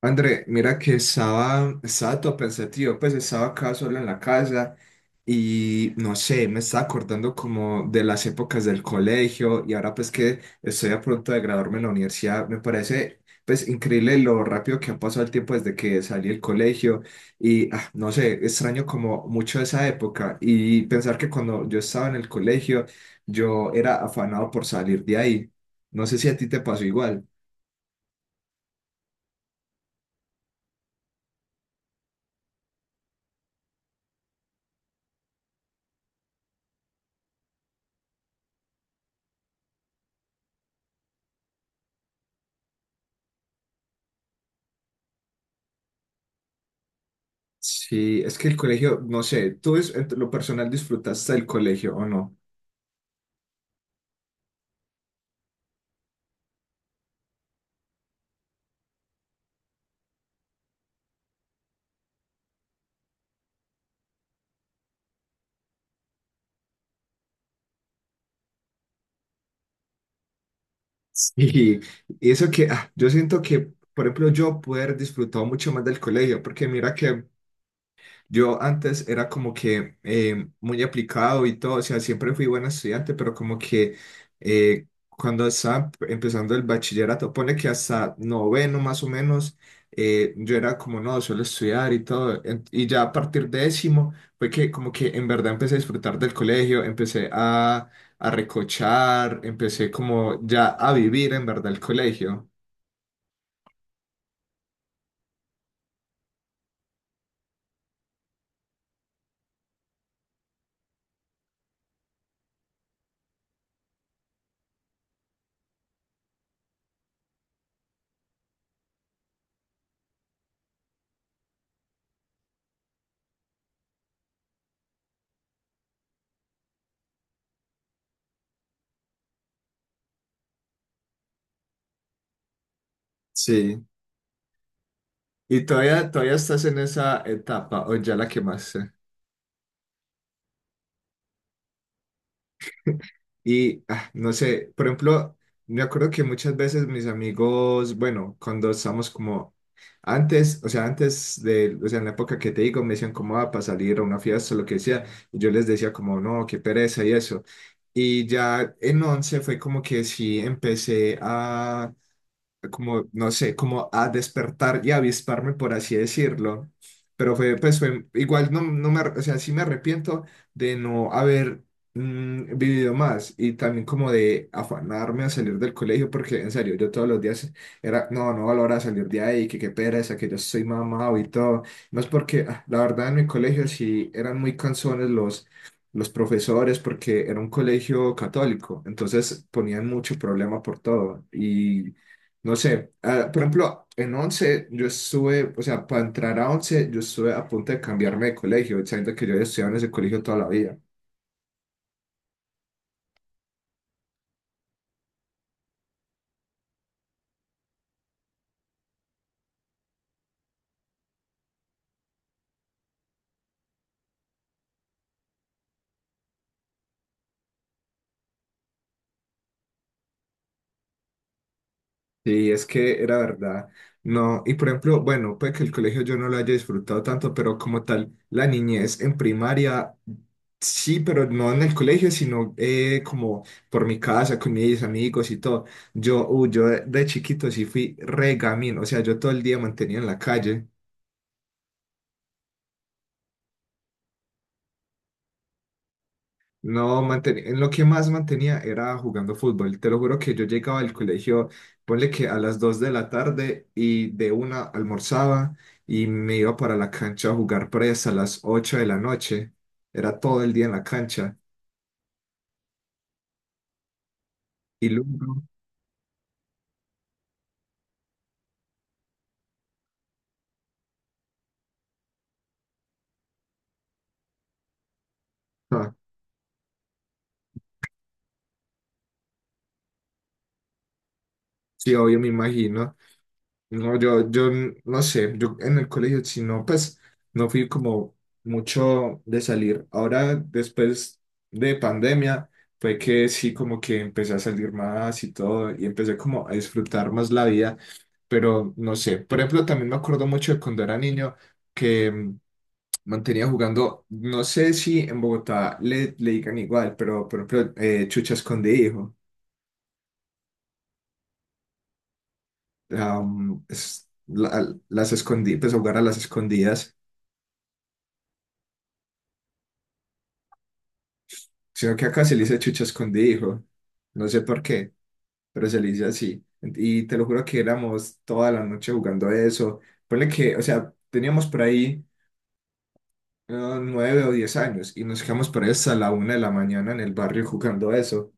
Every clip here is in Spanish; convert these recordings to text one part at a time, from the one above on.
André, mira que estaba todo pensativo, pues estaba acá solo en la casa y no sé, me estaba acordando como de las épocas del colegio y ahora pues que estoy a punto de graduarme en la universidad, me parece pues increíble lo rápido que ha pasado el tiempo desde que salí del colegio y no sé, extraño como mucho esa época y pensar que cuando yo estaba en el colegio yo era afanado por salir de ahí. No sé si a ti te pasó igual. Sí, es que el colegio, no sé, en lo personal disfrutaste del colegio o no? Sí. Y eso que, yo siento que, por ejemplo, yo pude haber disfrutado mucho más del colegio, porque mira que yo antes era como que muy aplicado y todo, o sea, siempre fui buen estudiante, pero como que cuando estaba empezando el bachillerato, pone que hasta noveno más o menos, yo era como, no, suelo estudiar y todo, y ya a partir de décimo fue que como que en verdad empecé a disfrutar del colegio, empecé a recochar, empecé como ya a vivir en verdad el colegio. Sí. ¿Y todavía estás en esa etapa o ya la quemaste? Y no sé, por ejemplo, me acuerdo que muchas veces mis amigos, bueno, cuando estamos como antes, o sea, antes de, o sea, en la época que te digo, me decían como, ah, para salir a una fiesta, o lo que sea, y yo les decía como, no, qué pereza y eso. Y ya en once fue como que sí empecé a como, no sé, como a despertar y avisparme, por así decirlo. Pero fue, pues fue, igual no, o sea, sí me arrepiento de no haber vivido más y también como de afanarme a salir del colegio, porque en serio, yo todos los días era, no, no valora salir de ahí, que qué pereza, que yo soy mamado y todo. No es porque, ah, la verdad, en mi colegio sí eran muy cansones los profesores, porque era un colegio católico, entonces ponían mucho problema por todo y no sé, ah, por ejemplo, en 11 yo estuve, o sea, para entrar a 11 yo estuve a punto de cambiarme de colegio, sabiendo que yo había estudiado en ese colegio toda la vida. Y es que era verdad, no, y por ejemplo, bueno, puede que el colegio yo no lo haya disfrutado tanto, pero como tal, la niñez en primaria, sí, pero no en el colegio, sino como por mi casa, con mis amigos y todo. Yo, yo de chiquito sí fui regamín, o sea, yo todo el día mantenía en la calle. No, mantenía, en lo que más mantenía era jugando fútbol. Te lo juro que yo llegaba al colegio, ponle que a las 2 de la tarde y de una almorzaba y me iba para la cancha a jugar presa a las 8 de la noche. Era todo el día en la cancha. Y luego, ah, sí, obvio, me imagino. No, yo no sé, yo en el colegio, si no, pues no fui como mucho de salir. Ahora, después de pandemia, fue que sí, como que empecé a salir más y todo, y empecé como a disfrutar más la vida, pero no sé. Por ejemplo, también me acuerdo mucho de cuando era niño que mantenía jugando, no sé si en Bogotá le digan igual, pero por ejemplo, chucha escondí, hijo. Am, es- las escondí, pues jugar a las escondidas. Sino que acá se le dice chucho escondido. No sé por qué, pero se le dice así. Y te lo juro que éramos toda la noche jugando eso. Ponle que, o sea, teníamos por ahí eh, nueve o diez años y nos quedamos por ahí hasta la una de la mañana en el barrio jugando eso.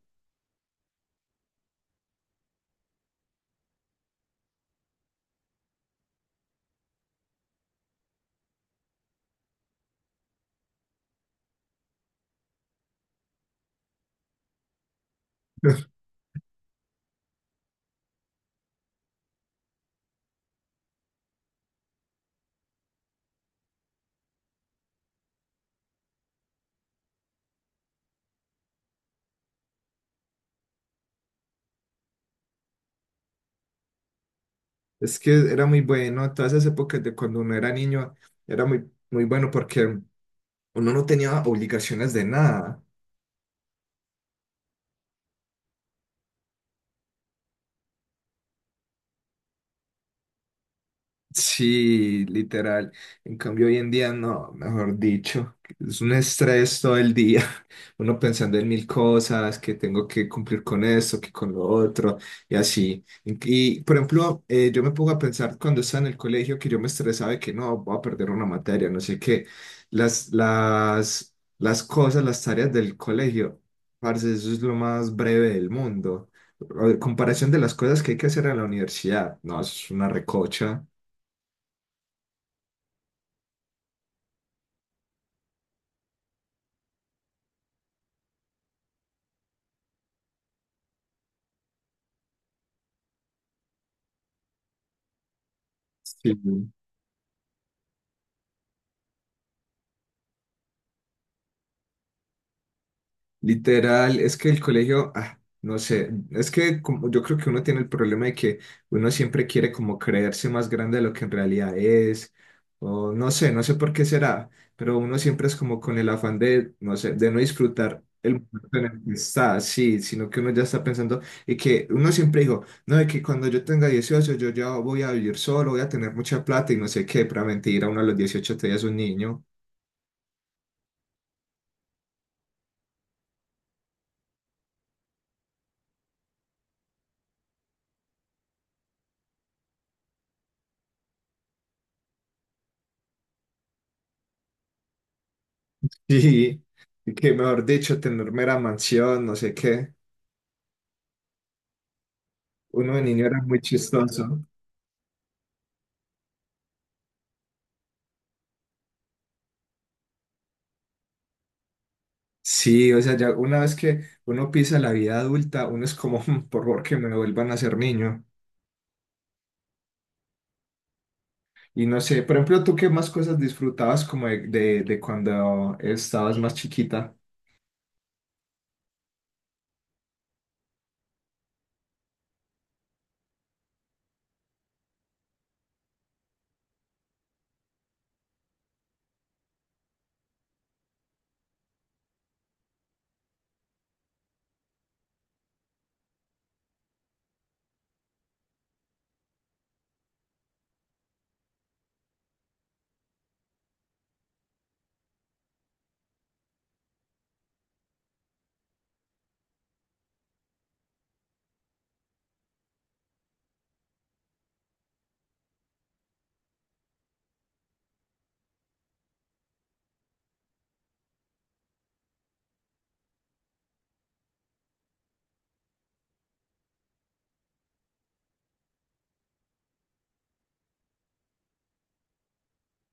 Es que era muy bueno, todas esas épocas de cuando uno era niño, era muy, muy bueno porque uno no tenía obligaciones de nada. Sí, literal. En cambio, hoy en día no, mejor dicho, es un estrés todo el día. Uno pensando en mil cosas, que tengo que cumplir con esto, que con lo otro, y así. Y, por ejemplo, yo me pongo a pensar cuando estaba en el colegio que yo me estresaba de que no, voy a perder una materia, no sé qué. Las, las, las cosas, las tareas del colegio, parce, eso es lo más breve del mundo. A ver, comparación de las cosas que hay que hacer en la universidad, no, eso es una recocha. Sí, literal, es que el colegio, ah, no sé, es que como, yo creo que uno tiene el problema de que uno siempre quiere como creerse más grande de lo que en realidad es, o no sé, no sé por qué será, pero uno siempre es como con el afán de, no sé, de no disfrutar el momento en el que está, sí, sino que uno ya está pensando y que uno siempre digo no, de que cuando yo tenga 18 yo ya voy a vivir solo, voy a tener mucha plata y no sé qué, para mentir a uno a los 18 te es un niño. Sí, y que mejor dicho, tener mera mansión, no sé qué. Uno de niño era muy chistoso. Sí, o sea, ya una vez que uno pisa la vida adulta, uno es como, "Mm, por favor, que me vuelvan a ser niño". Y no sé, por ejemplo, ¿tú qué más cosas disfrutabas como de cuando estabas más chiquita?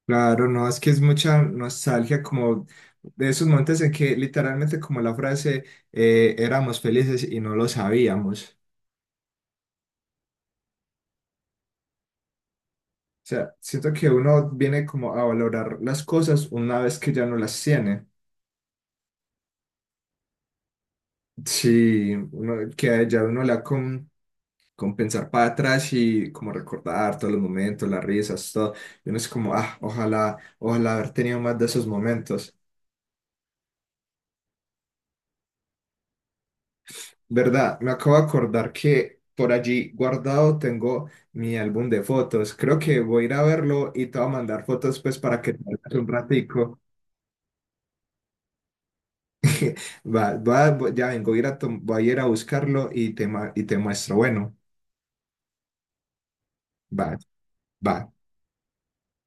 Claro, no, es que es mucha nostalgia como de esos momentos en que literalmente como la frase, éramos felices y no lo sabíamos. O sea, siento que uno viene como a valorar las cosas una vez que ya no las tiene. Sí, uno, que ya uno la con pensar para atrás y como recordar todos los momentos, las risas, todo. Y uno es como, ah, ojalá, ojalá haber tenido más de esos momentos. ¿Verdad? Me acabo de acordar que por allí guardado tengo mi álbum de fotos. Creo que voy a ir a verlo y te voy a mandar fotos pues para que te veas un ratico. Va, va, ya vengo, voy a ir a, voy a ir a buscarlo y te, y te muestro. Bueno, va, va.